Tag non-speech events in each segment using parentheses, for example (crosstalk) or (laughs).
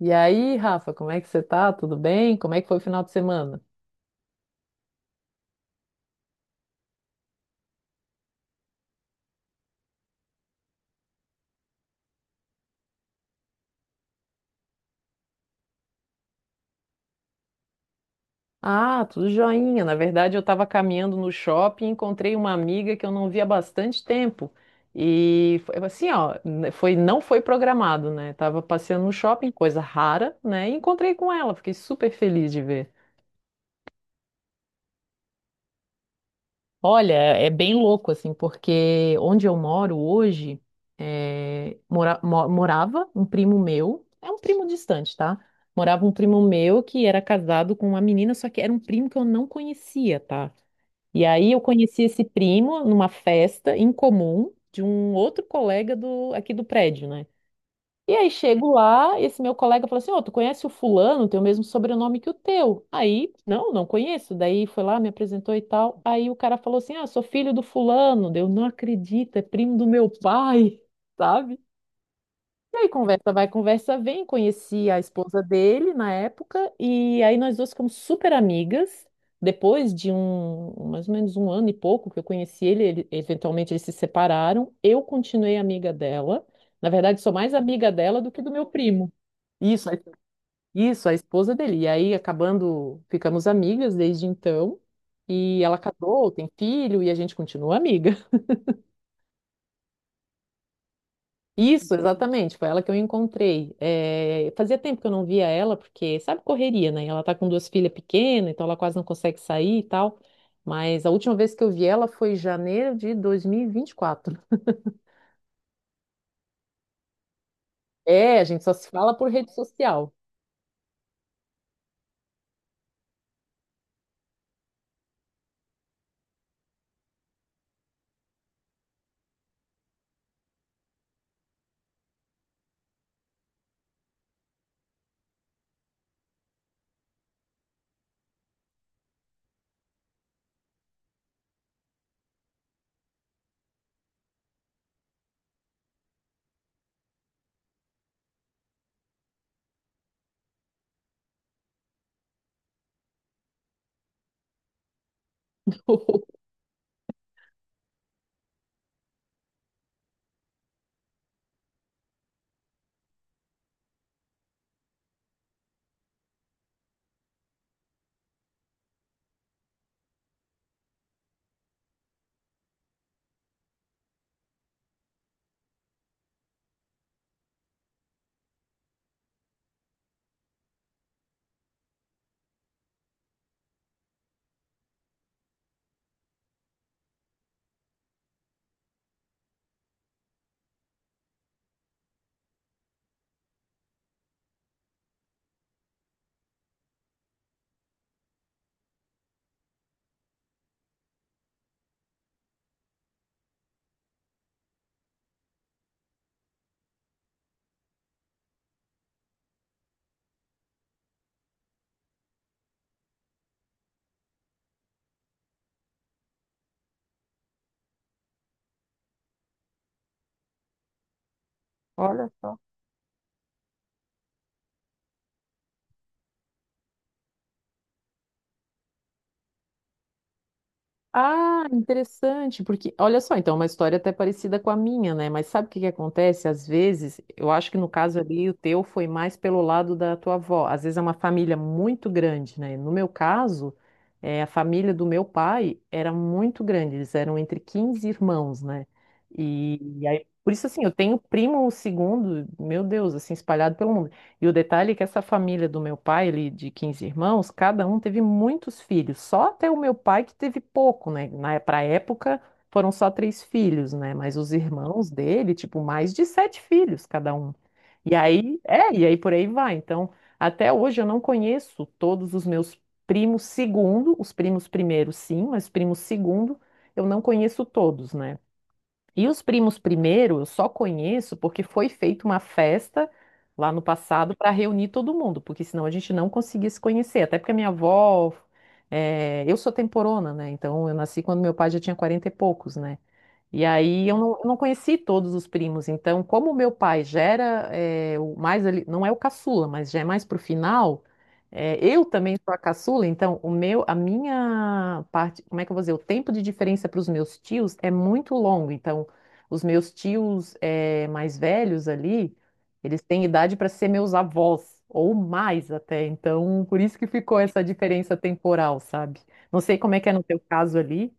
E aí, Rafa, como é que você tá? Tudo bem? Como é que foi o final de semana? Ah, tudo joinha. Na verdade, eu estava caminhando no shopping e encontrei uma amiga que eu não via há bastante tempo. E foi assim, ó, não foi programado, né? Tava passeando no shopping, coisa rara, né? E encontrei com ela, fiquei super feliz de ver. Olha, é bem louco, assim, porque onde eu moro hoje, é, morava um primo meu, é um primo distante, tá? Morava um primo meu que era casado com uma menina, só que era um primo que eu não conhecia, tá? E aí eu conheci esse primo numa festa em comum de um outro colega aqui do prédio, né? E aí chego lá, esse meu colega falou assim: Ô, tu conhece o fulano, tem o mesmo sobrenome que o teu. Aí, não, não conheço. Daí foi lá, me apresentou e tal. Aí o cara falou assim: Ah, sou filho do fulano. Daí eu não acredito, é primo do meu pai, (laughs) sabe? E aí conversa vai, conversa vem. Conheci a esposa dele na época e aí nós duas ficamos super amigas. Depois de um, mais ou menos um ano e pouco que eu conheci ele, eventualmente eles se separaram. Eu continuei amiga dela. Na verdade, sou mais amiga dela do que do meu primo. Isso, a- isso, a esposa dele. E aí acabando, ficamos amigas desde então. E ela casou, tem filho e a gente continua amiga. Isso, exatamente, foi ela que eu encontrei. É, fazia tempo que eu não via ela, porque sabe correria, né? Ela tá com duas filhas pequenas, então ela quase não consegue sair e tal. Mas a última vez que eu vi ela foi em janeiro de 2024. É, a gente só se fala por rede social. (laughs) Olha só. Ah, interessante, porque olha só, então, é uma história até parecida com a minha, né? Mas sabe o que que acontece? Às vezes, eu acho que no caso ali o teu foi mais pelo lado da tua avó. Às vezes é uma família muito grande, né? No meu caso, a família do meu pai era muito grande, eles eram entre 15 irmãos, né? E aí, por isso, assim, eu tenho primo segundo, meu Deus, assim, espalhado pelo mundo. E o detalhe é que essa família do meu pai, ele de 15 irmãos, cada um teve muitos filhos. Só até o meu pai que teve pouco, né? Pra época foram só três filhos, né? Mas os irmãos dele, tipo, mais de sete filhos cada um. E aí, por aí vai. Então, até hoje eu não conheço todos os meus primos segundo, os primos primeiro sim, mas primos segundo eu não conheço todos, né? E os primos primeiro, eu só conheço porque foi feita uma festa lá no passado para reunir todo mundo, porque senão a gente não conseguia se conhecer. Até porque a minha avó, eu sou temporona, né? Então eu nasci quando meu pai já tinha 40 e poucos, né? E aí eu não conheci todos os primos, então como o meu pai já era o mais ali, não é o caçula, mas já é mais pro final, eu também sou a caçula, então o meu, a minha parte, como é que eu vou dizer, o tempo de diferença para os meus tios é muito longo, então os meus tios mais velhos ali, eles têm idade para ser meus avós, ou mais até, então por isso que ficou essa diferença temporal, sabe? Não sei como é que é no teu caso ali.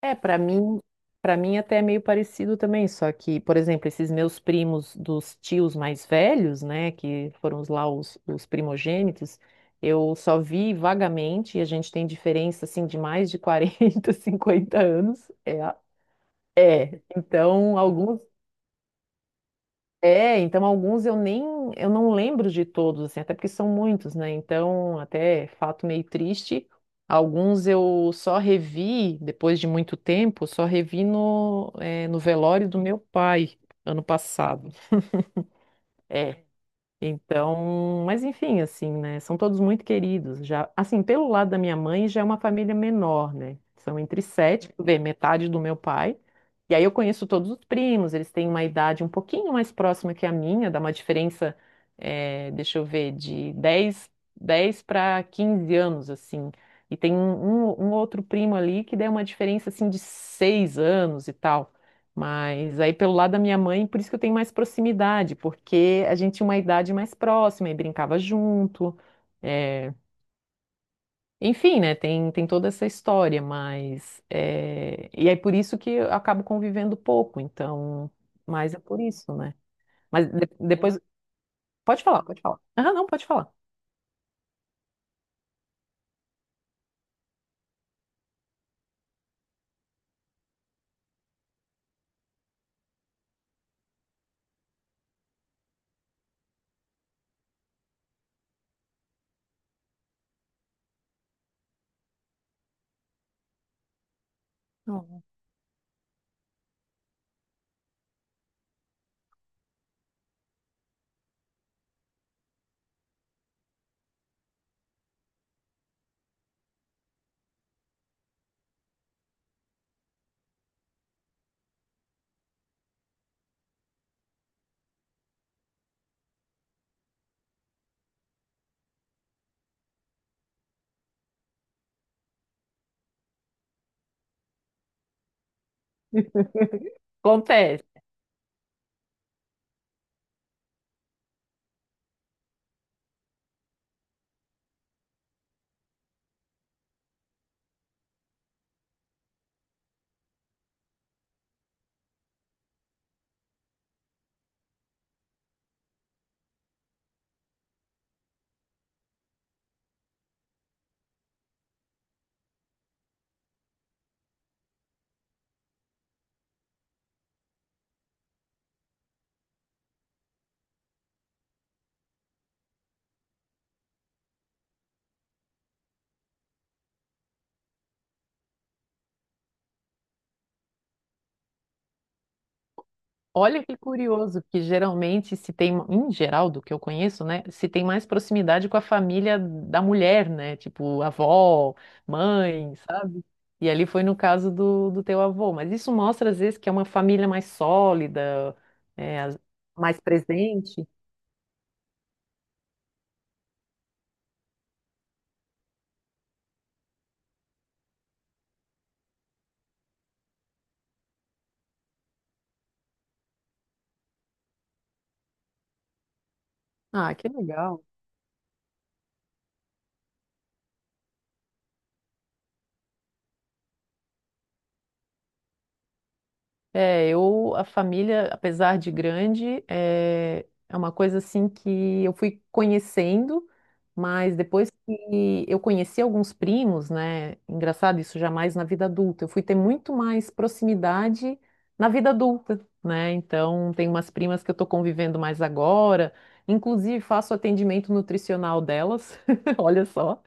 É, para mim até é meio parecido também, só que, por exemplo, esses meus primos dos tios mais velhos, né, que foram os primogênitos, eu só vi vagamente, e a gente tem diferença, assim, de mais de (laughs) 40, 50 anos, é, então, alguns, então alguns eu não lembro de todos, assim, até porque são muitos, né? Então, até fato meio triste, alguns eu só revi depois de muito tempo, só revi no velório do meu pai ano passado. É. Então, mas enfim, assim, né? São todos muito queridos. Já, assim, pelo lado da minha mãe, já é uma família menor, né? São entre sete, tu vê, metade do meu pai. E aí eu conheço todos os primos, eles têm uma idade um pouquinho mais próxima que a minha, dá uma diferença, deixa eu ver, de dez para 15 anos, assim. E tem um outro primo ali que dá uma diferença, assim, de 6 anos e tal. Mas aí pelo lado da minha mãe, por isso que eu tenho mais proximidade, porque a gente tinha uma idade mais próxima e brincava junto. é, Enfim, né? Tem toda essa história, mas. E aí por isso que eu acabo convivendo pouco, então. Mas é por isso, né? Mas depois. Pode falar, pode falar. Ah, não, pode falar. Não. Acontece. Olha que curioso, que geralmente se tem, em geral, do que eu conheço, né, se tem mais proximidade com a família da mulher, né, tipo avó, mãe, sabe? E ali foi no caso do teu avô, mas isso mostra às vezes que é uma família mais sólida, é, as- mais presente. Ah, que legal. É, eu, a família, apesar de grande, é, uma coisa assim que eu fui conhecendo, mas depois que eu conheci alguns primos, né? Engraçado, isso jamais na vida adulta. Eu fui ter muito mais proximidade na vida adulta, né? Então, tem umas primas que eu tô convivendo mais agora, inclusive faço atendimento nutricional delas, (laughs) olha só.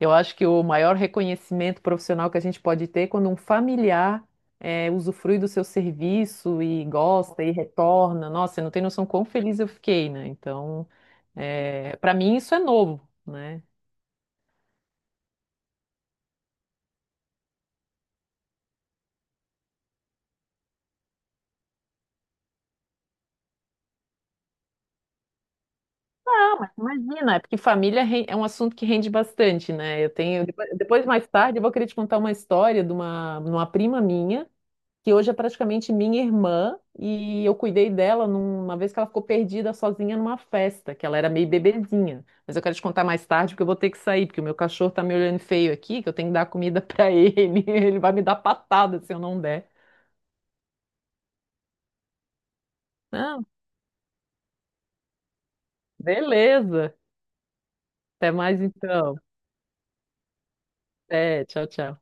Eu acho que o maior reconhecimento profissional que a gente pode ter é quando um familiar usufrui do seu serviço e gosta e retorna. Nossa, você não tem noção quão feliz eu fiquei, né? Então, para mim isso é novo, né? Ah, mas imagina, é porque família é um assunto que rende bastante, né? Eu tenho, depois, mais tarde, eu vou querer te contar uma história de uma prima minha que hoje é praticamente minha irmã, e eu cuidei dela numa vez que ela ficou perdida sozinha numa festa, que ela era meio bebezinha. Mas eu quero te contar mais tarde, porque eu vou ter que sair, porque o meu cachorro tá me olhando feio aqui, que eu tenho que dar comida pra ele. (laughs) Ele vai me dar patada se eu não der. Não, beleza. Até mais então. É, tchau, tchau.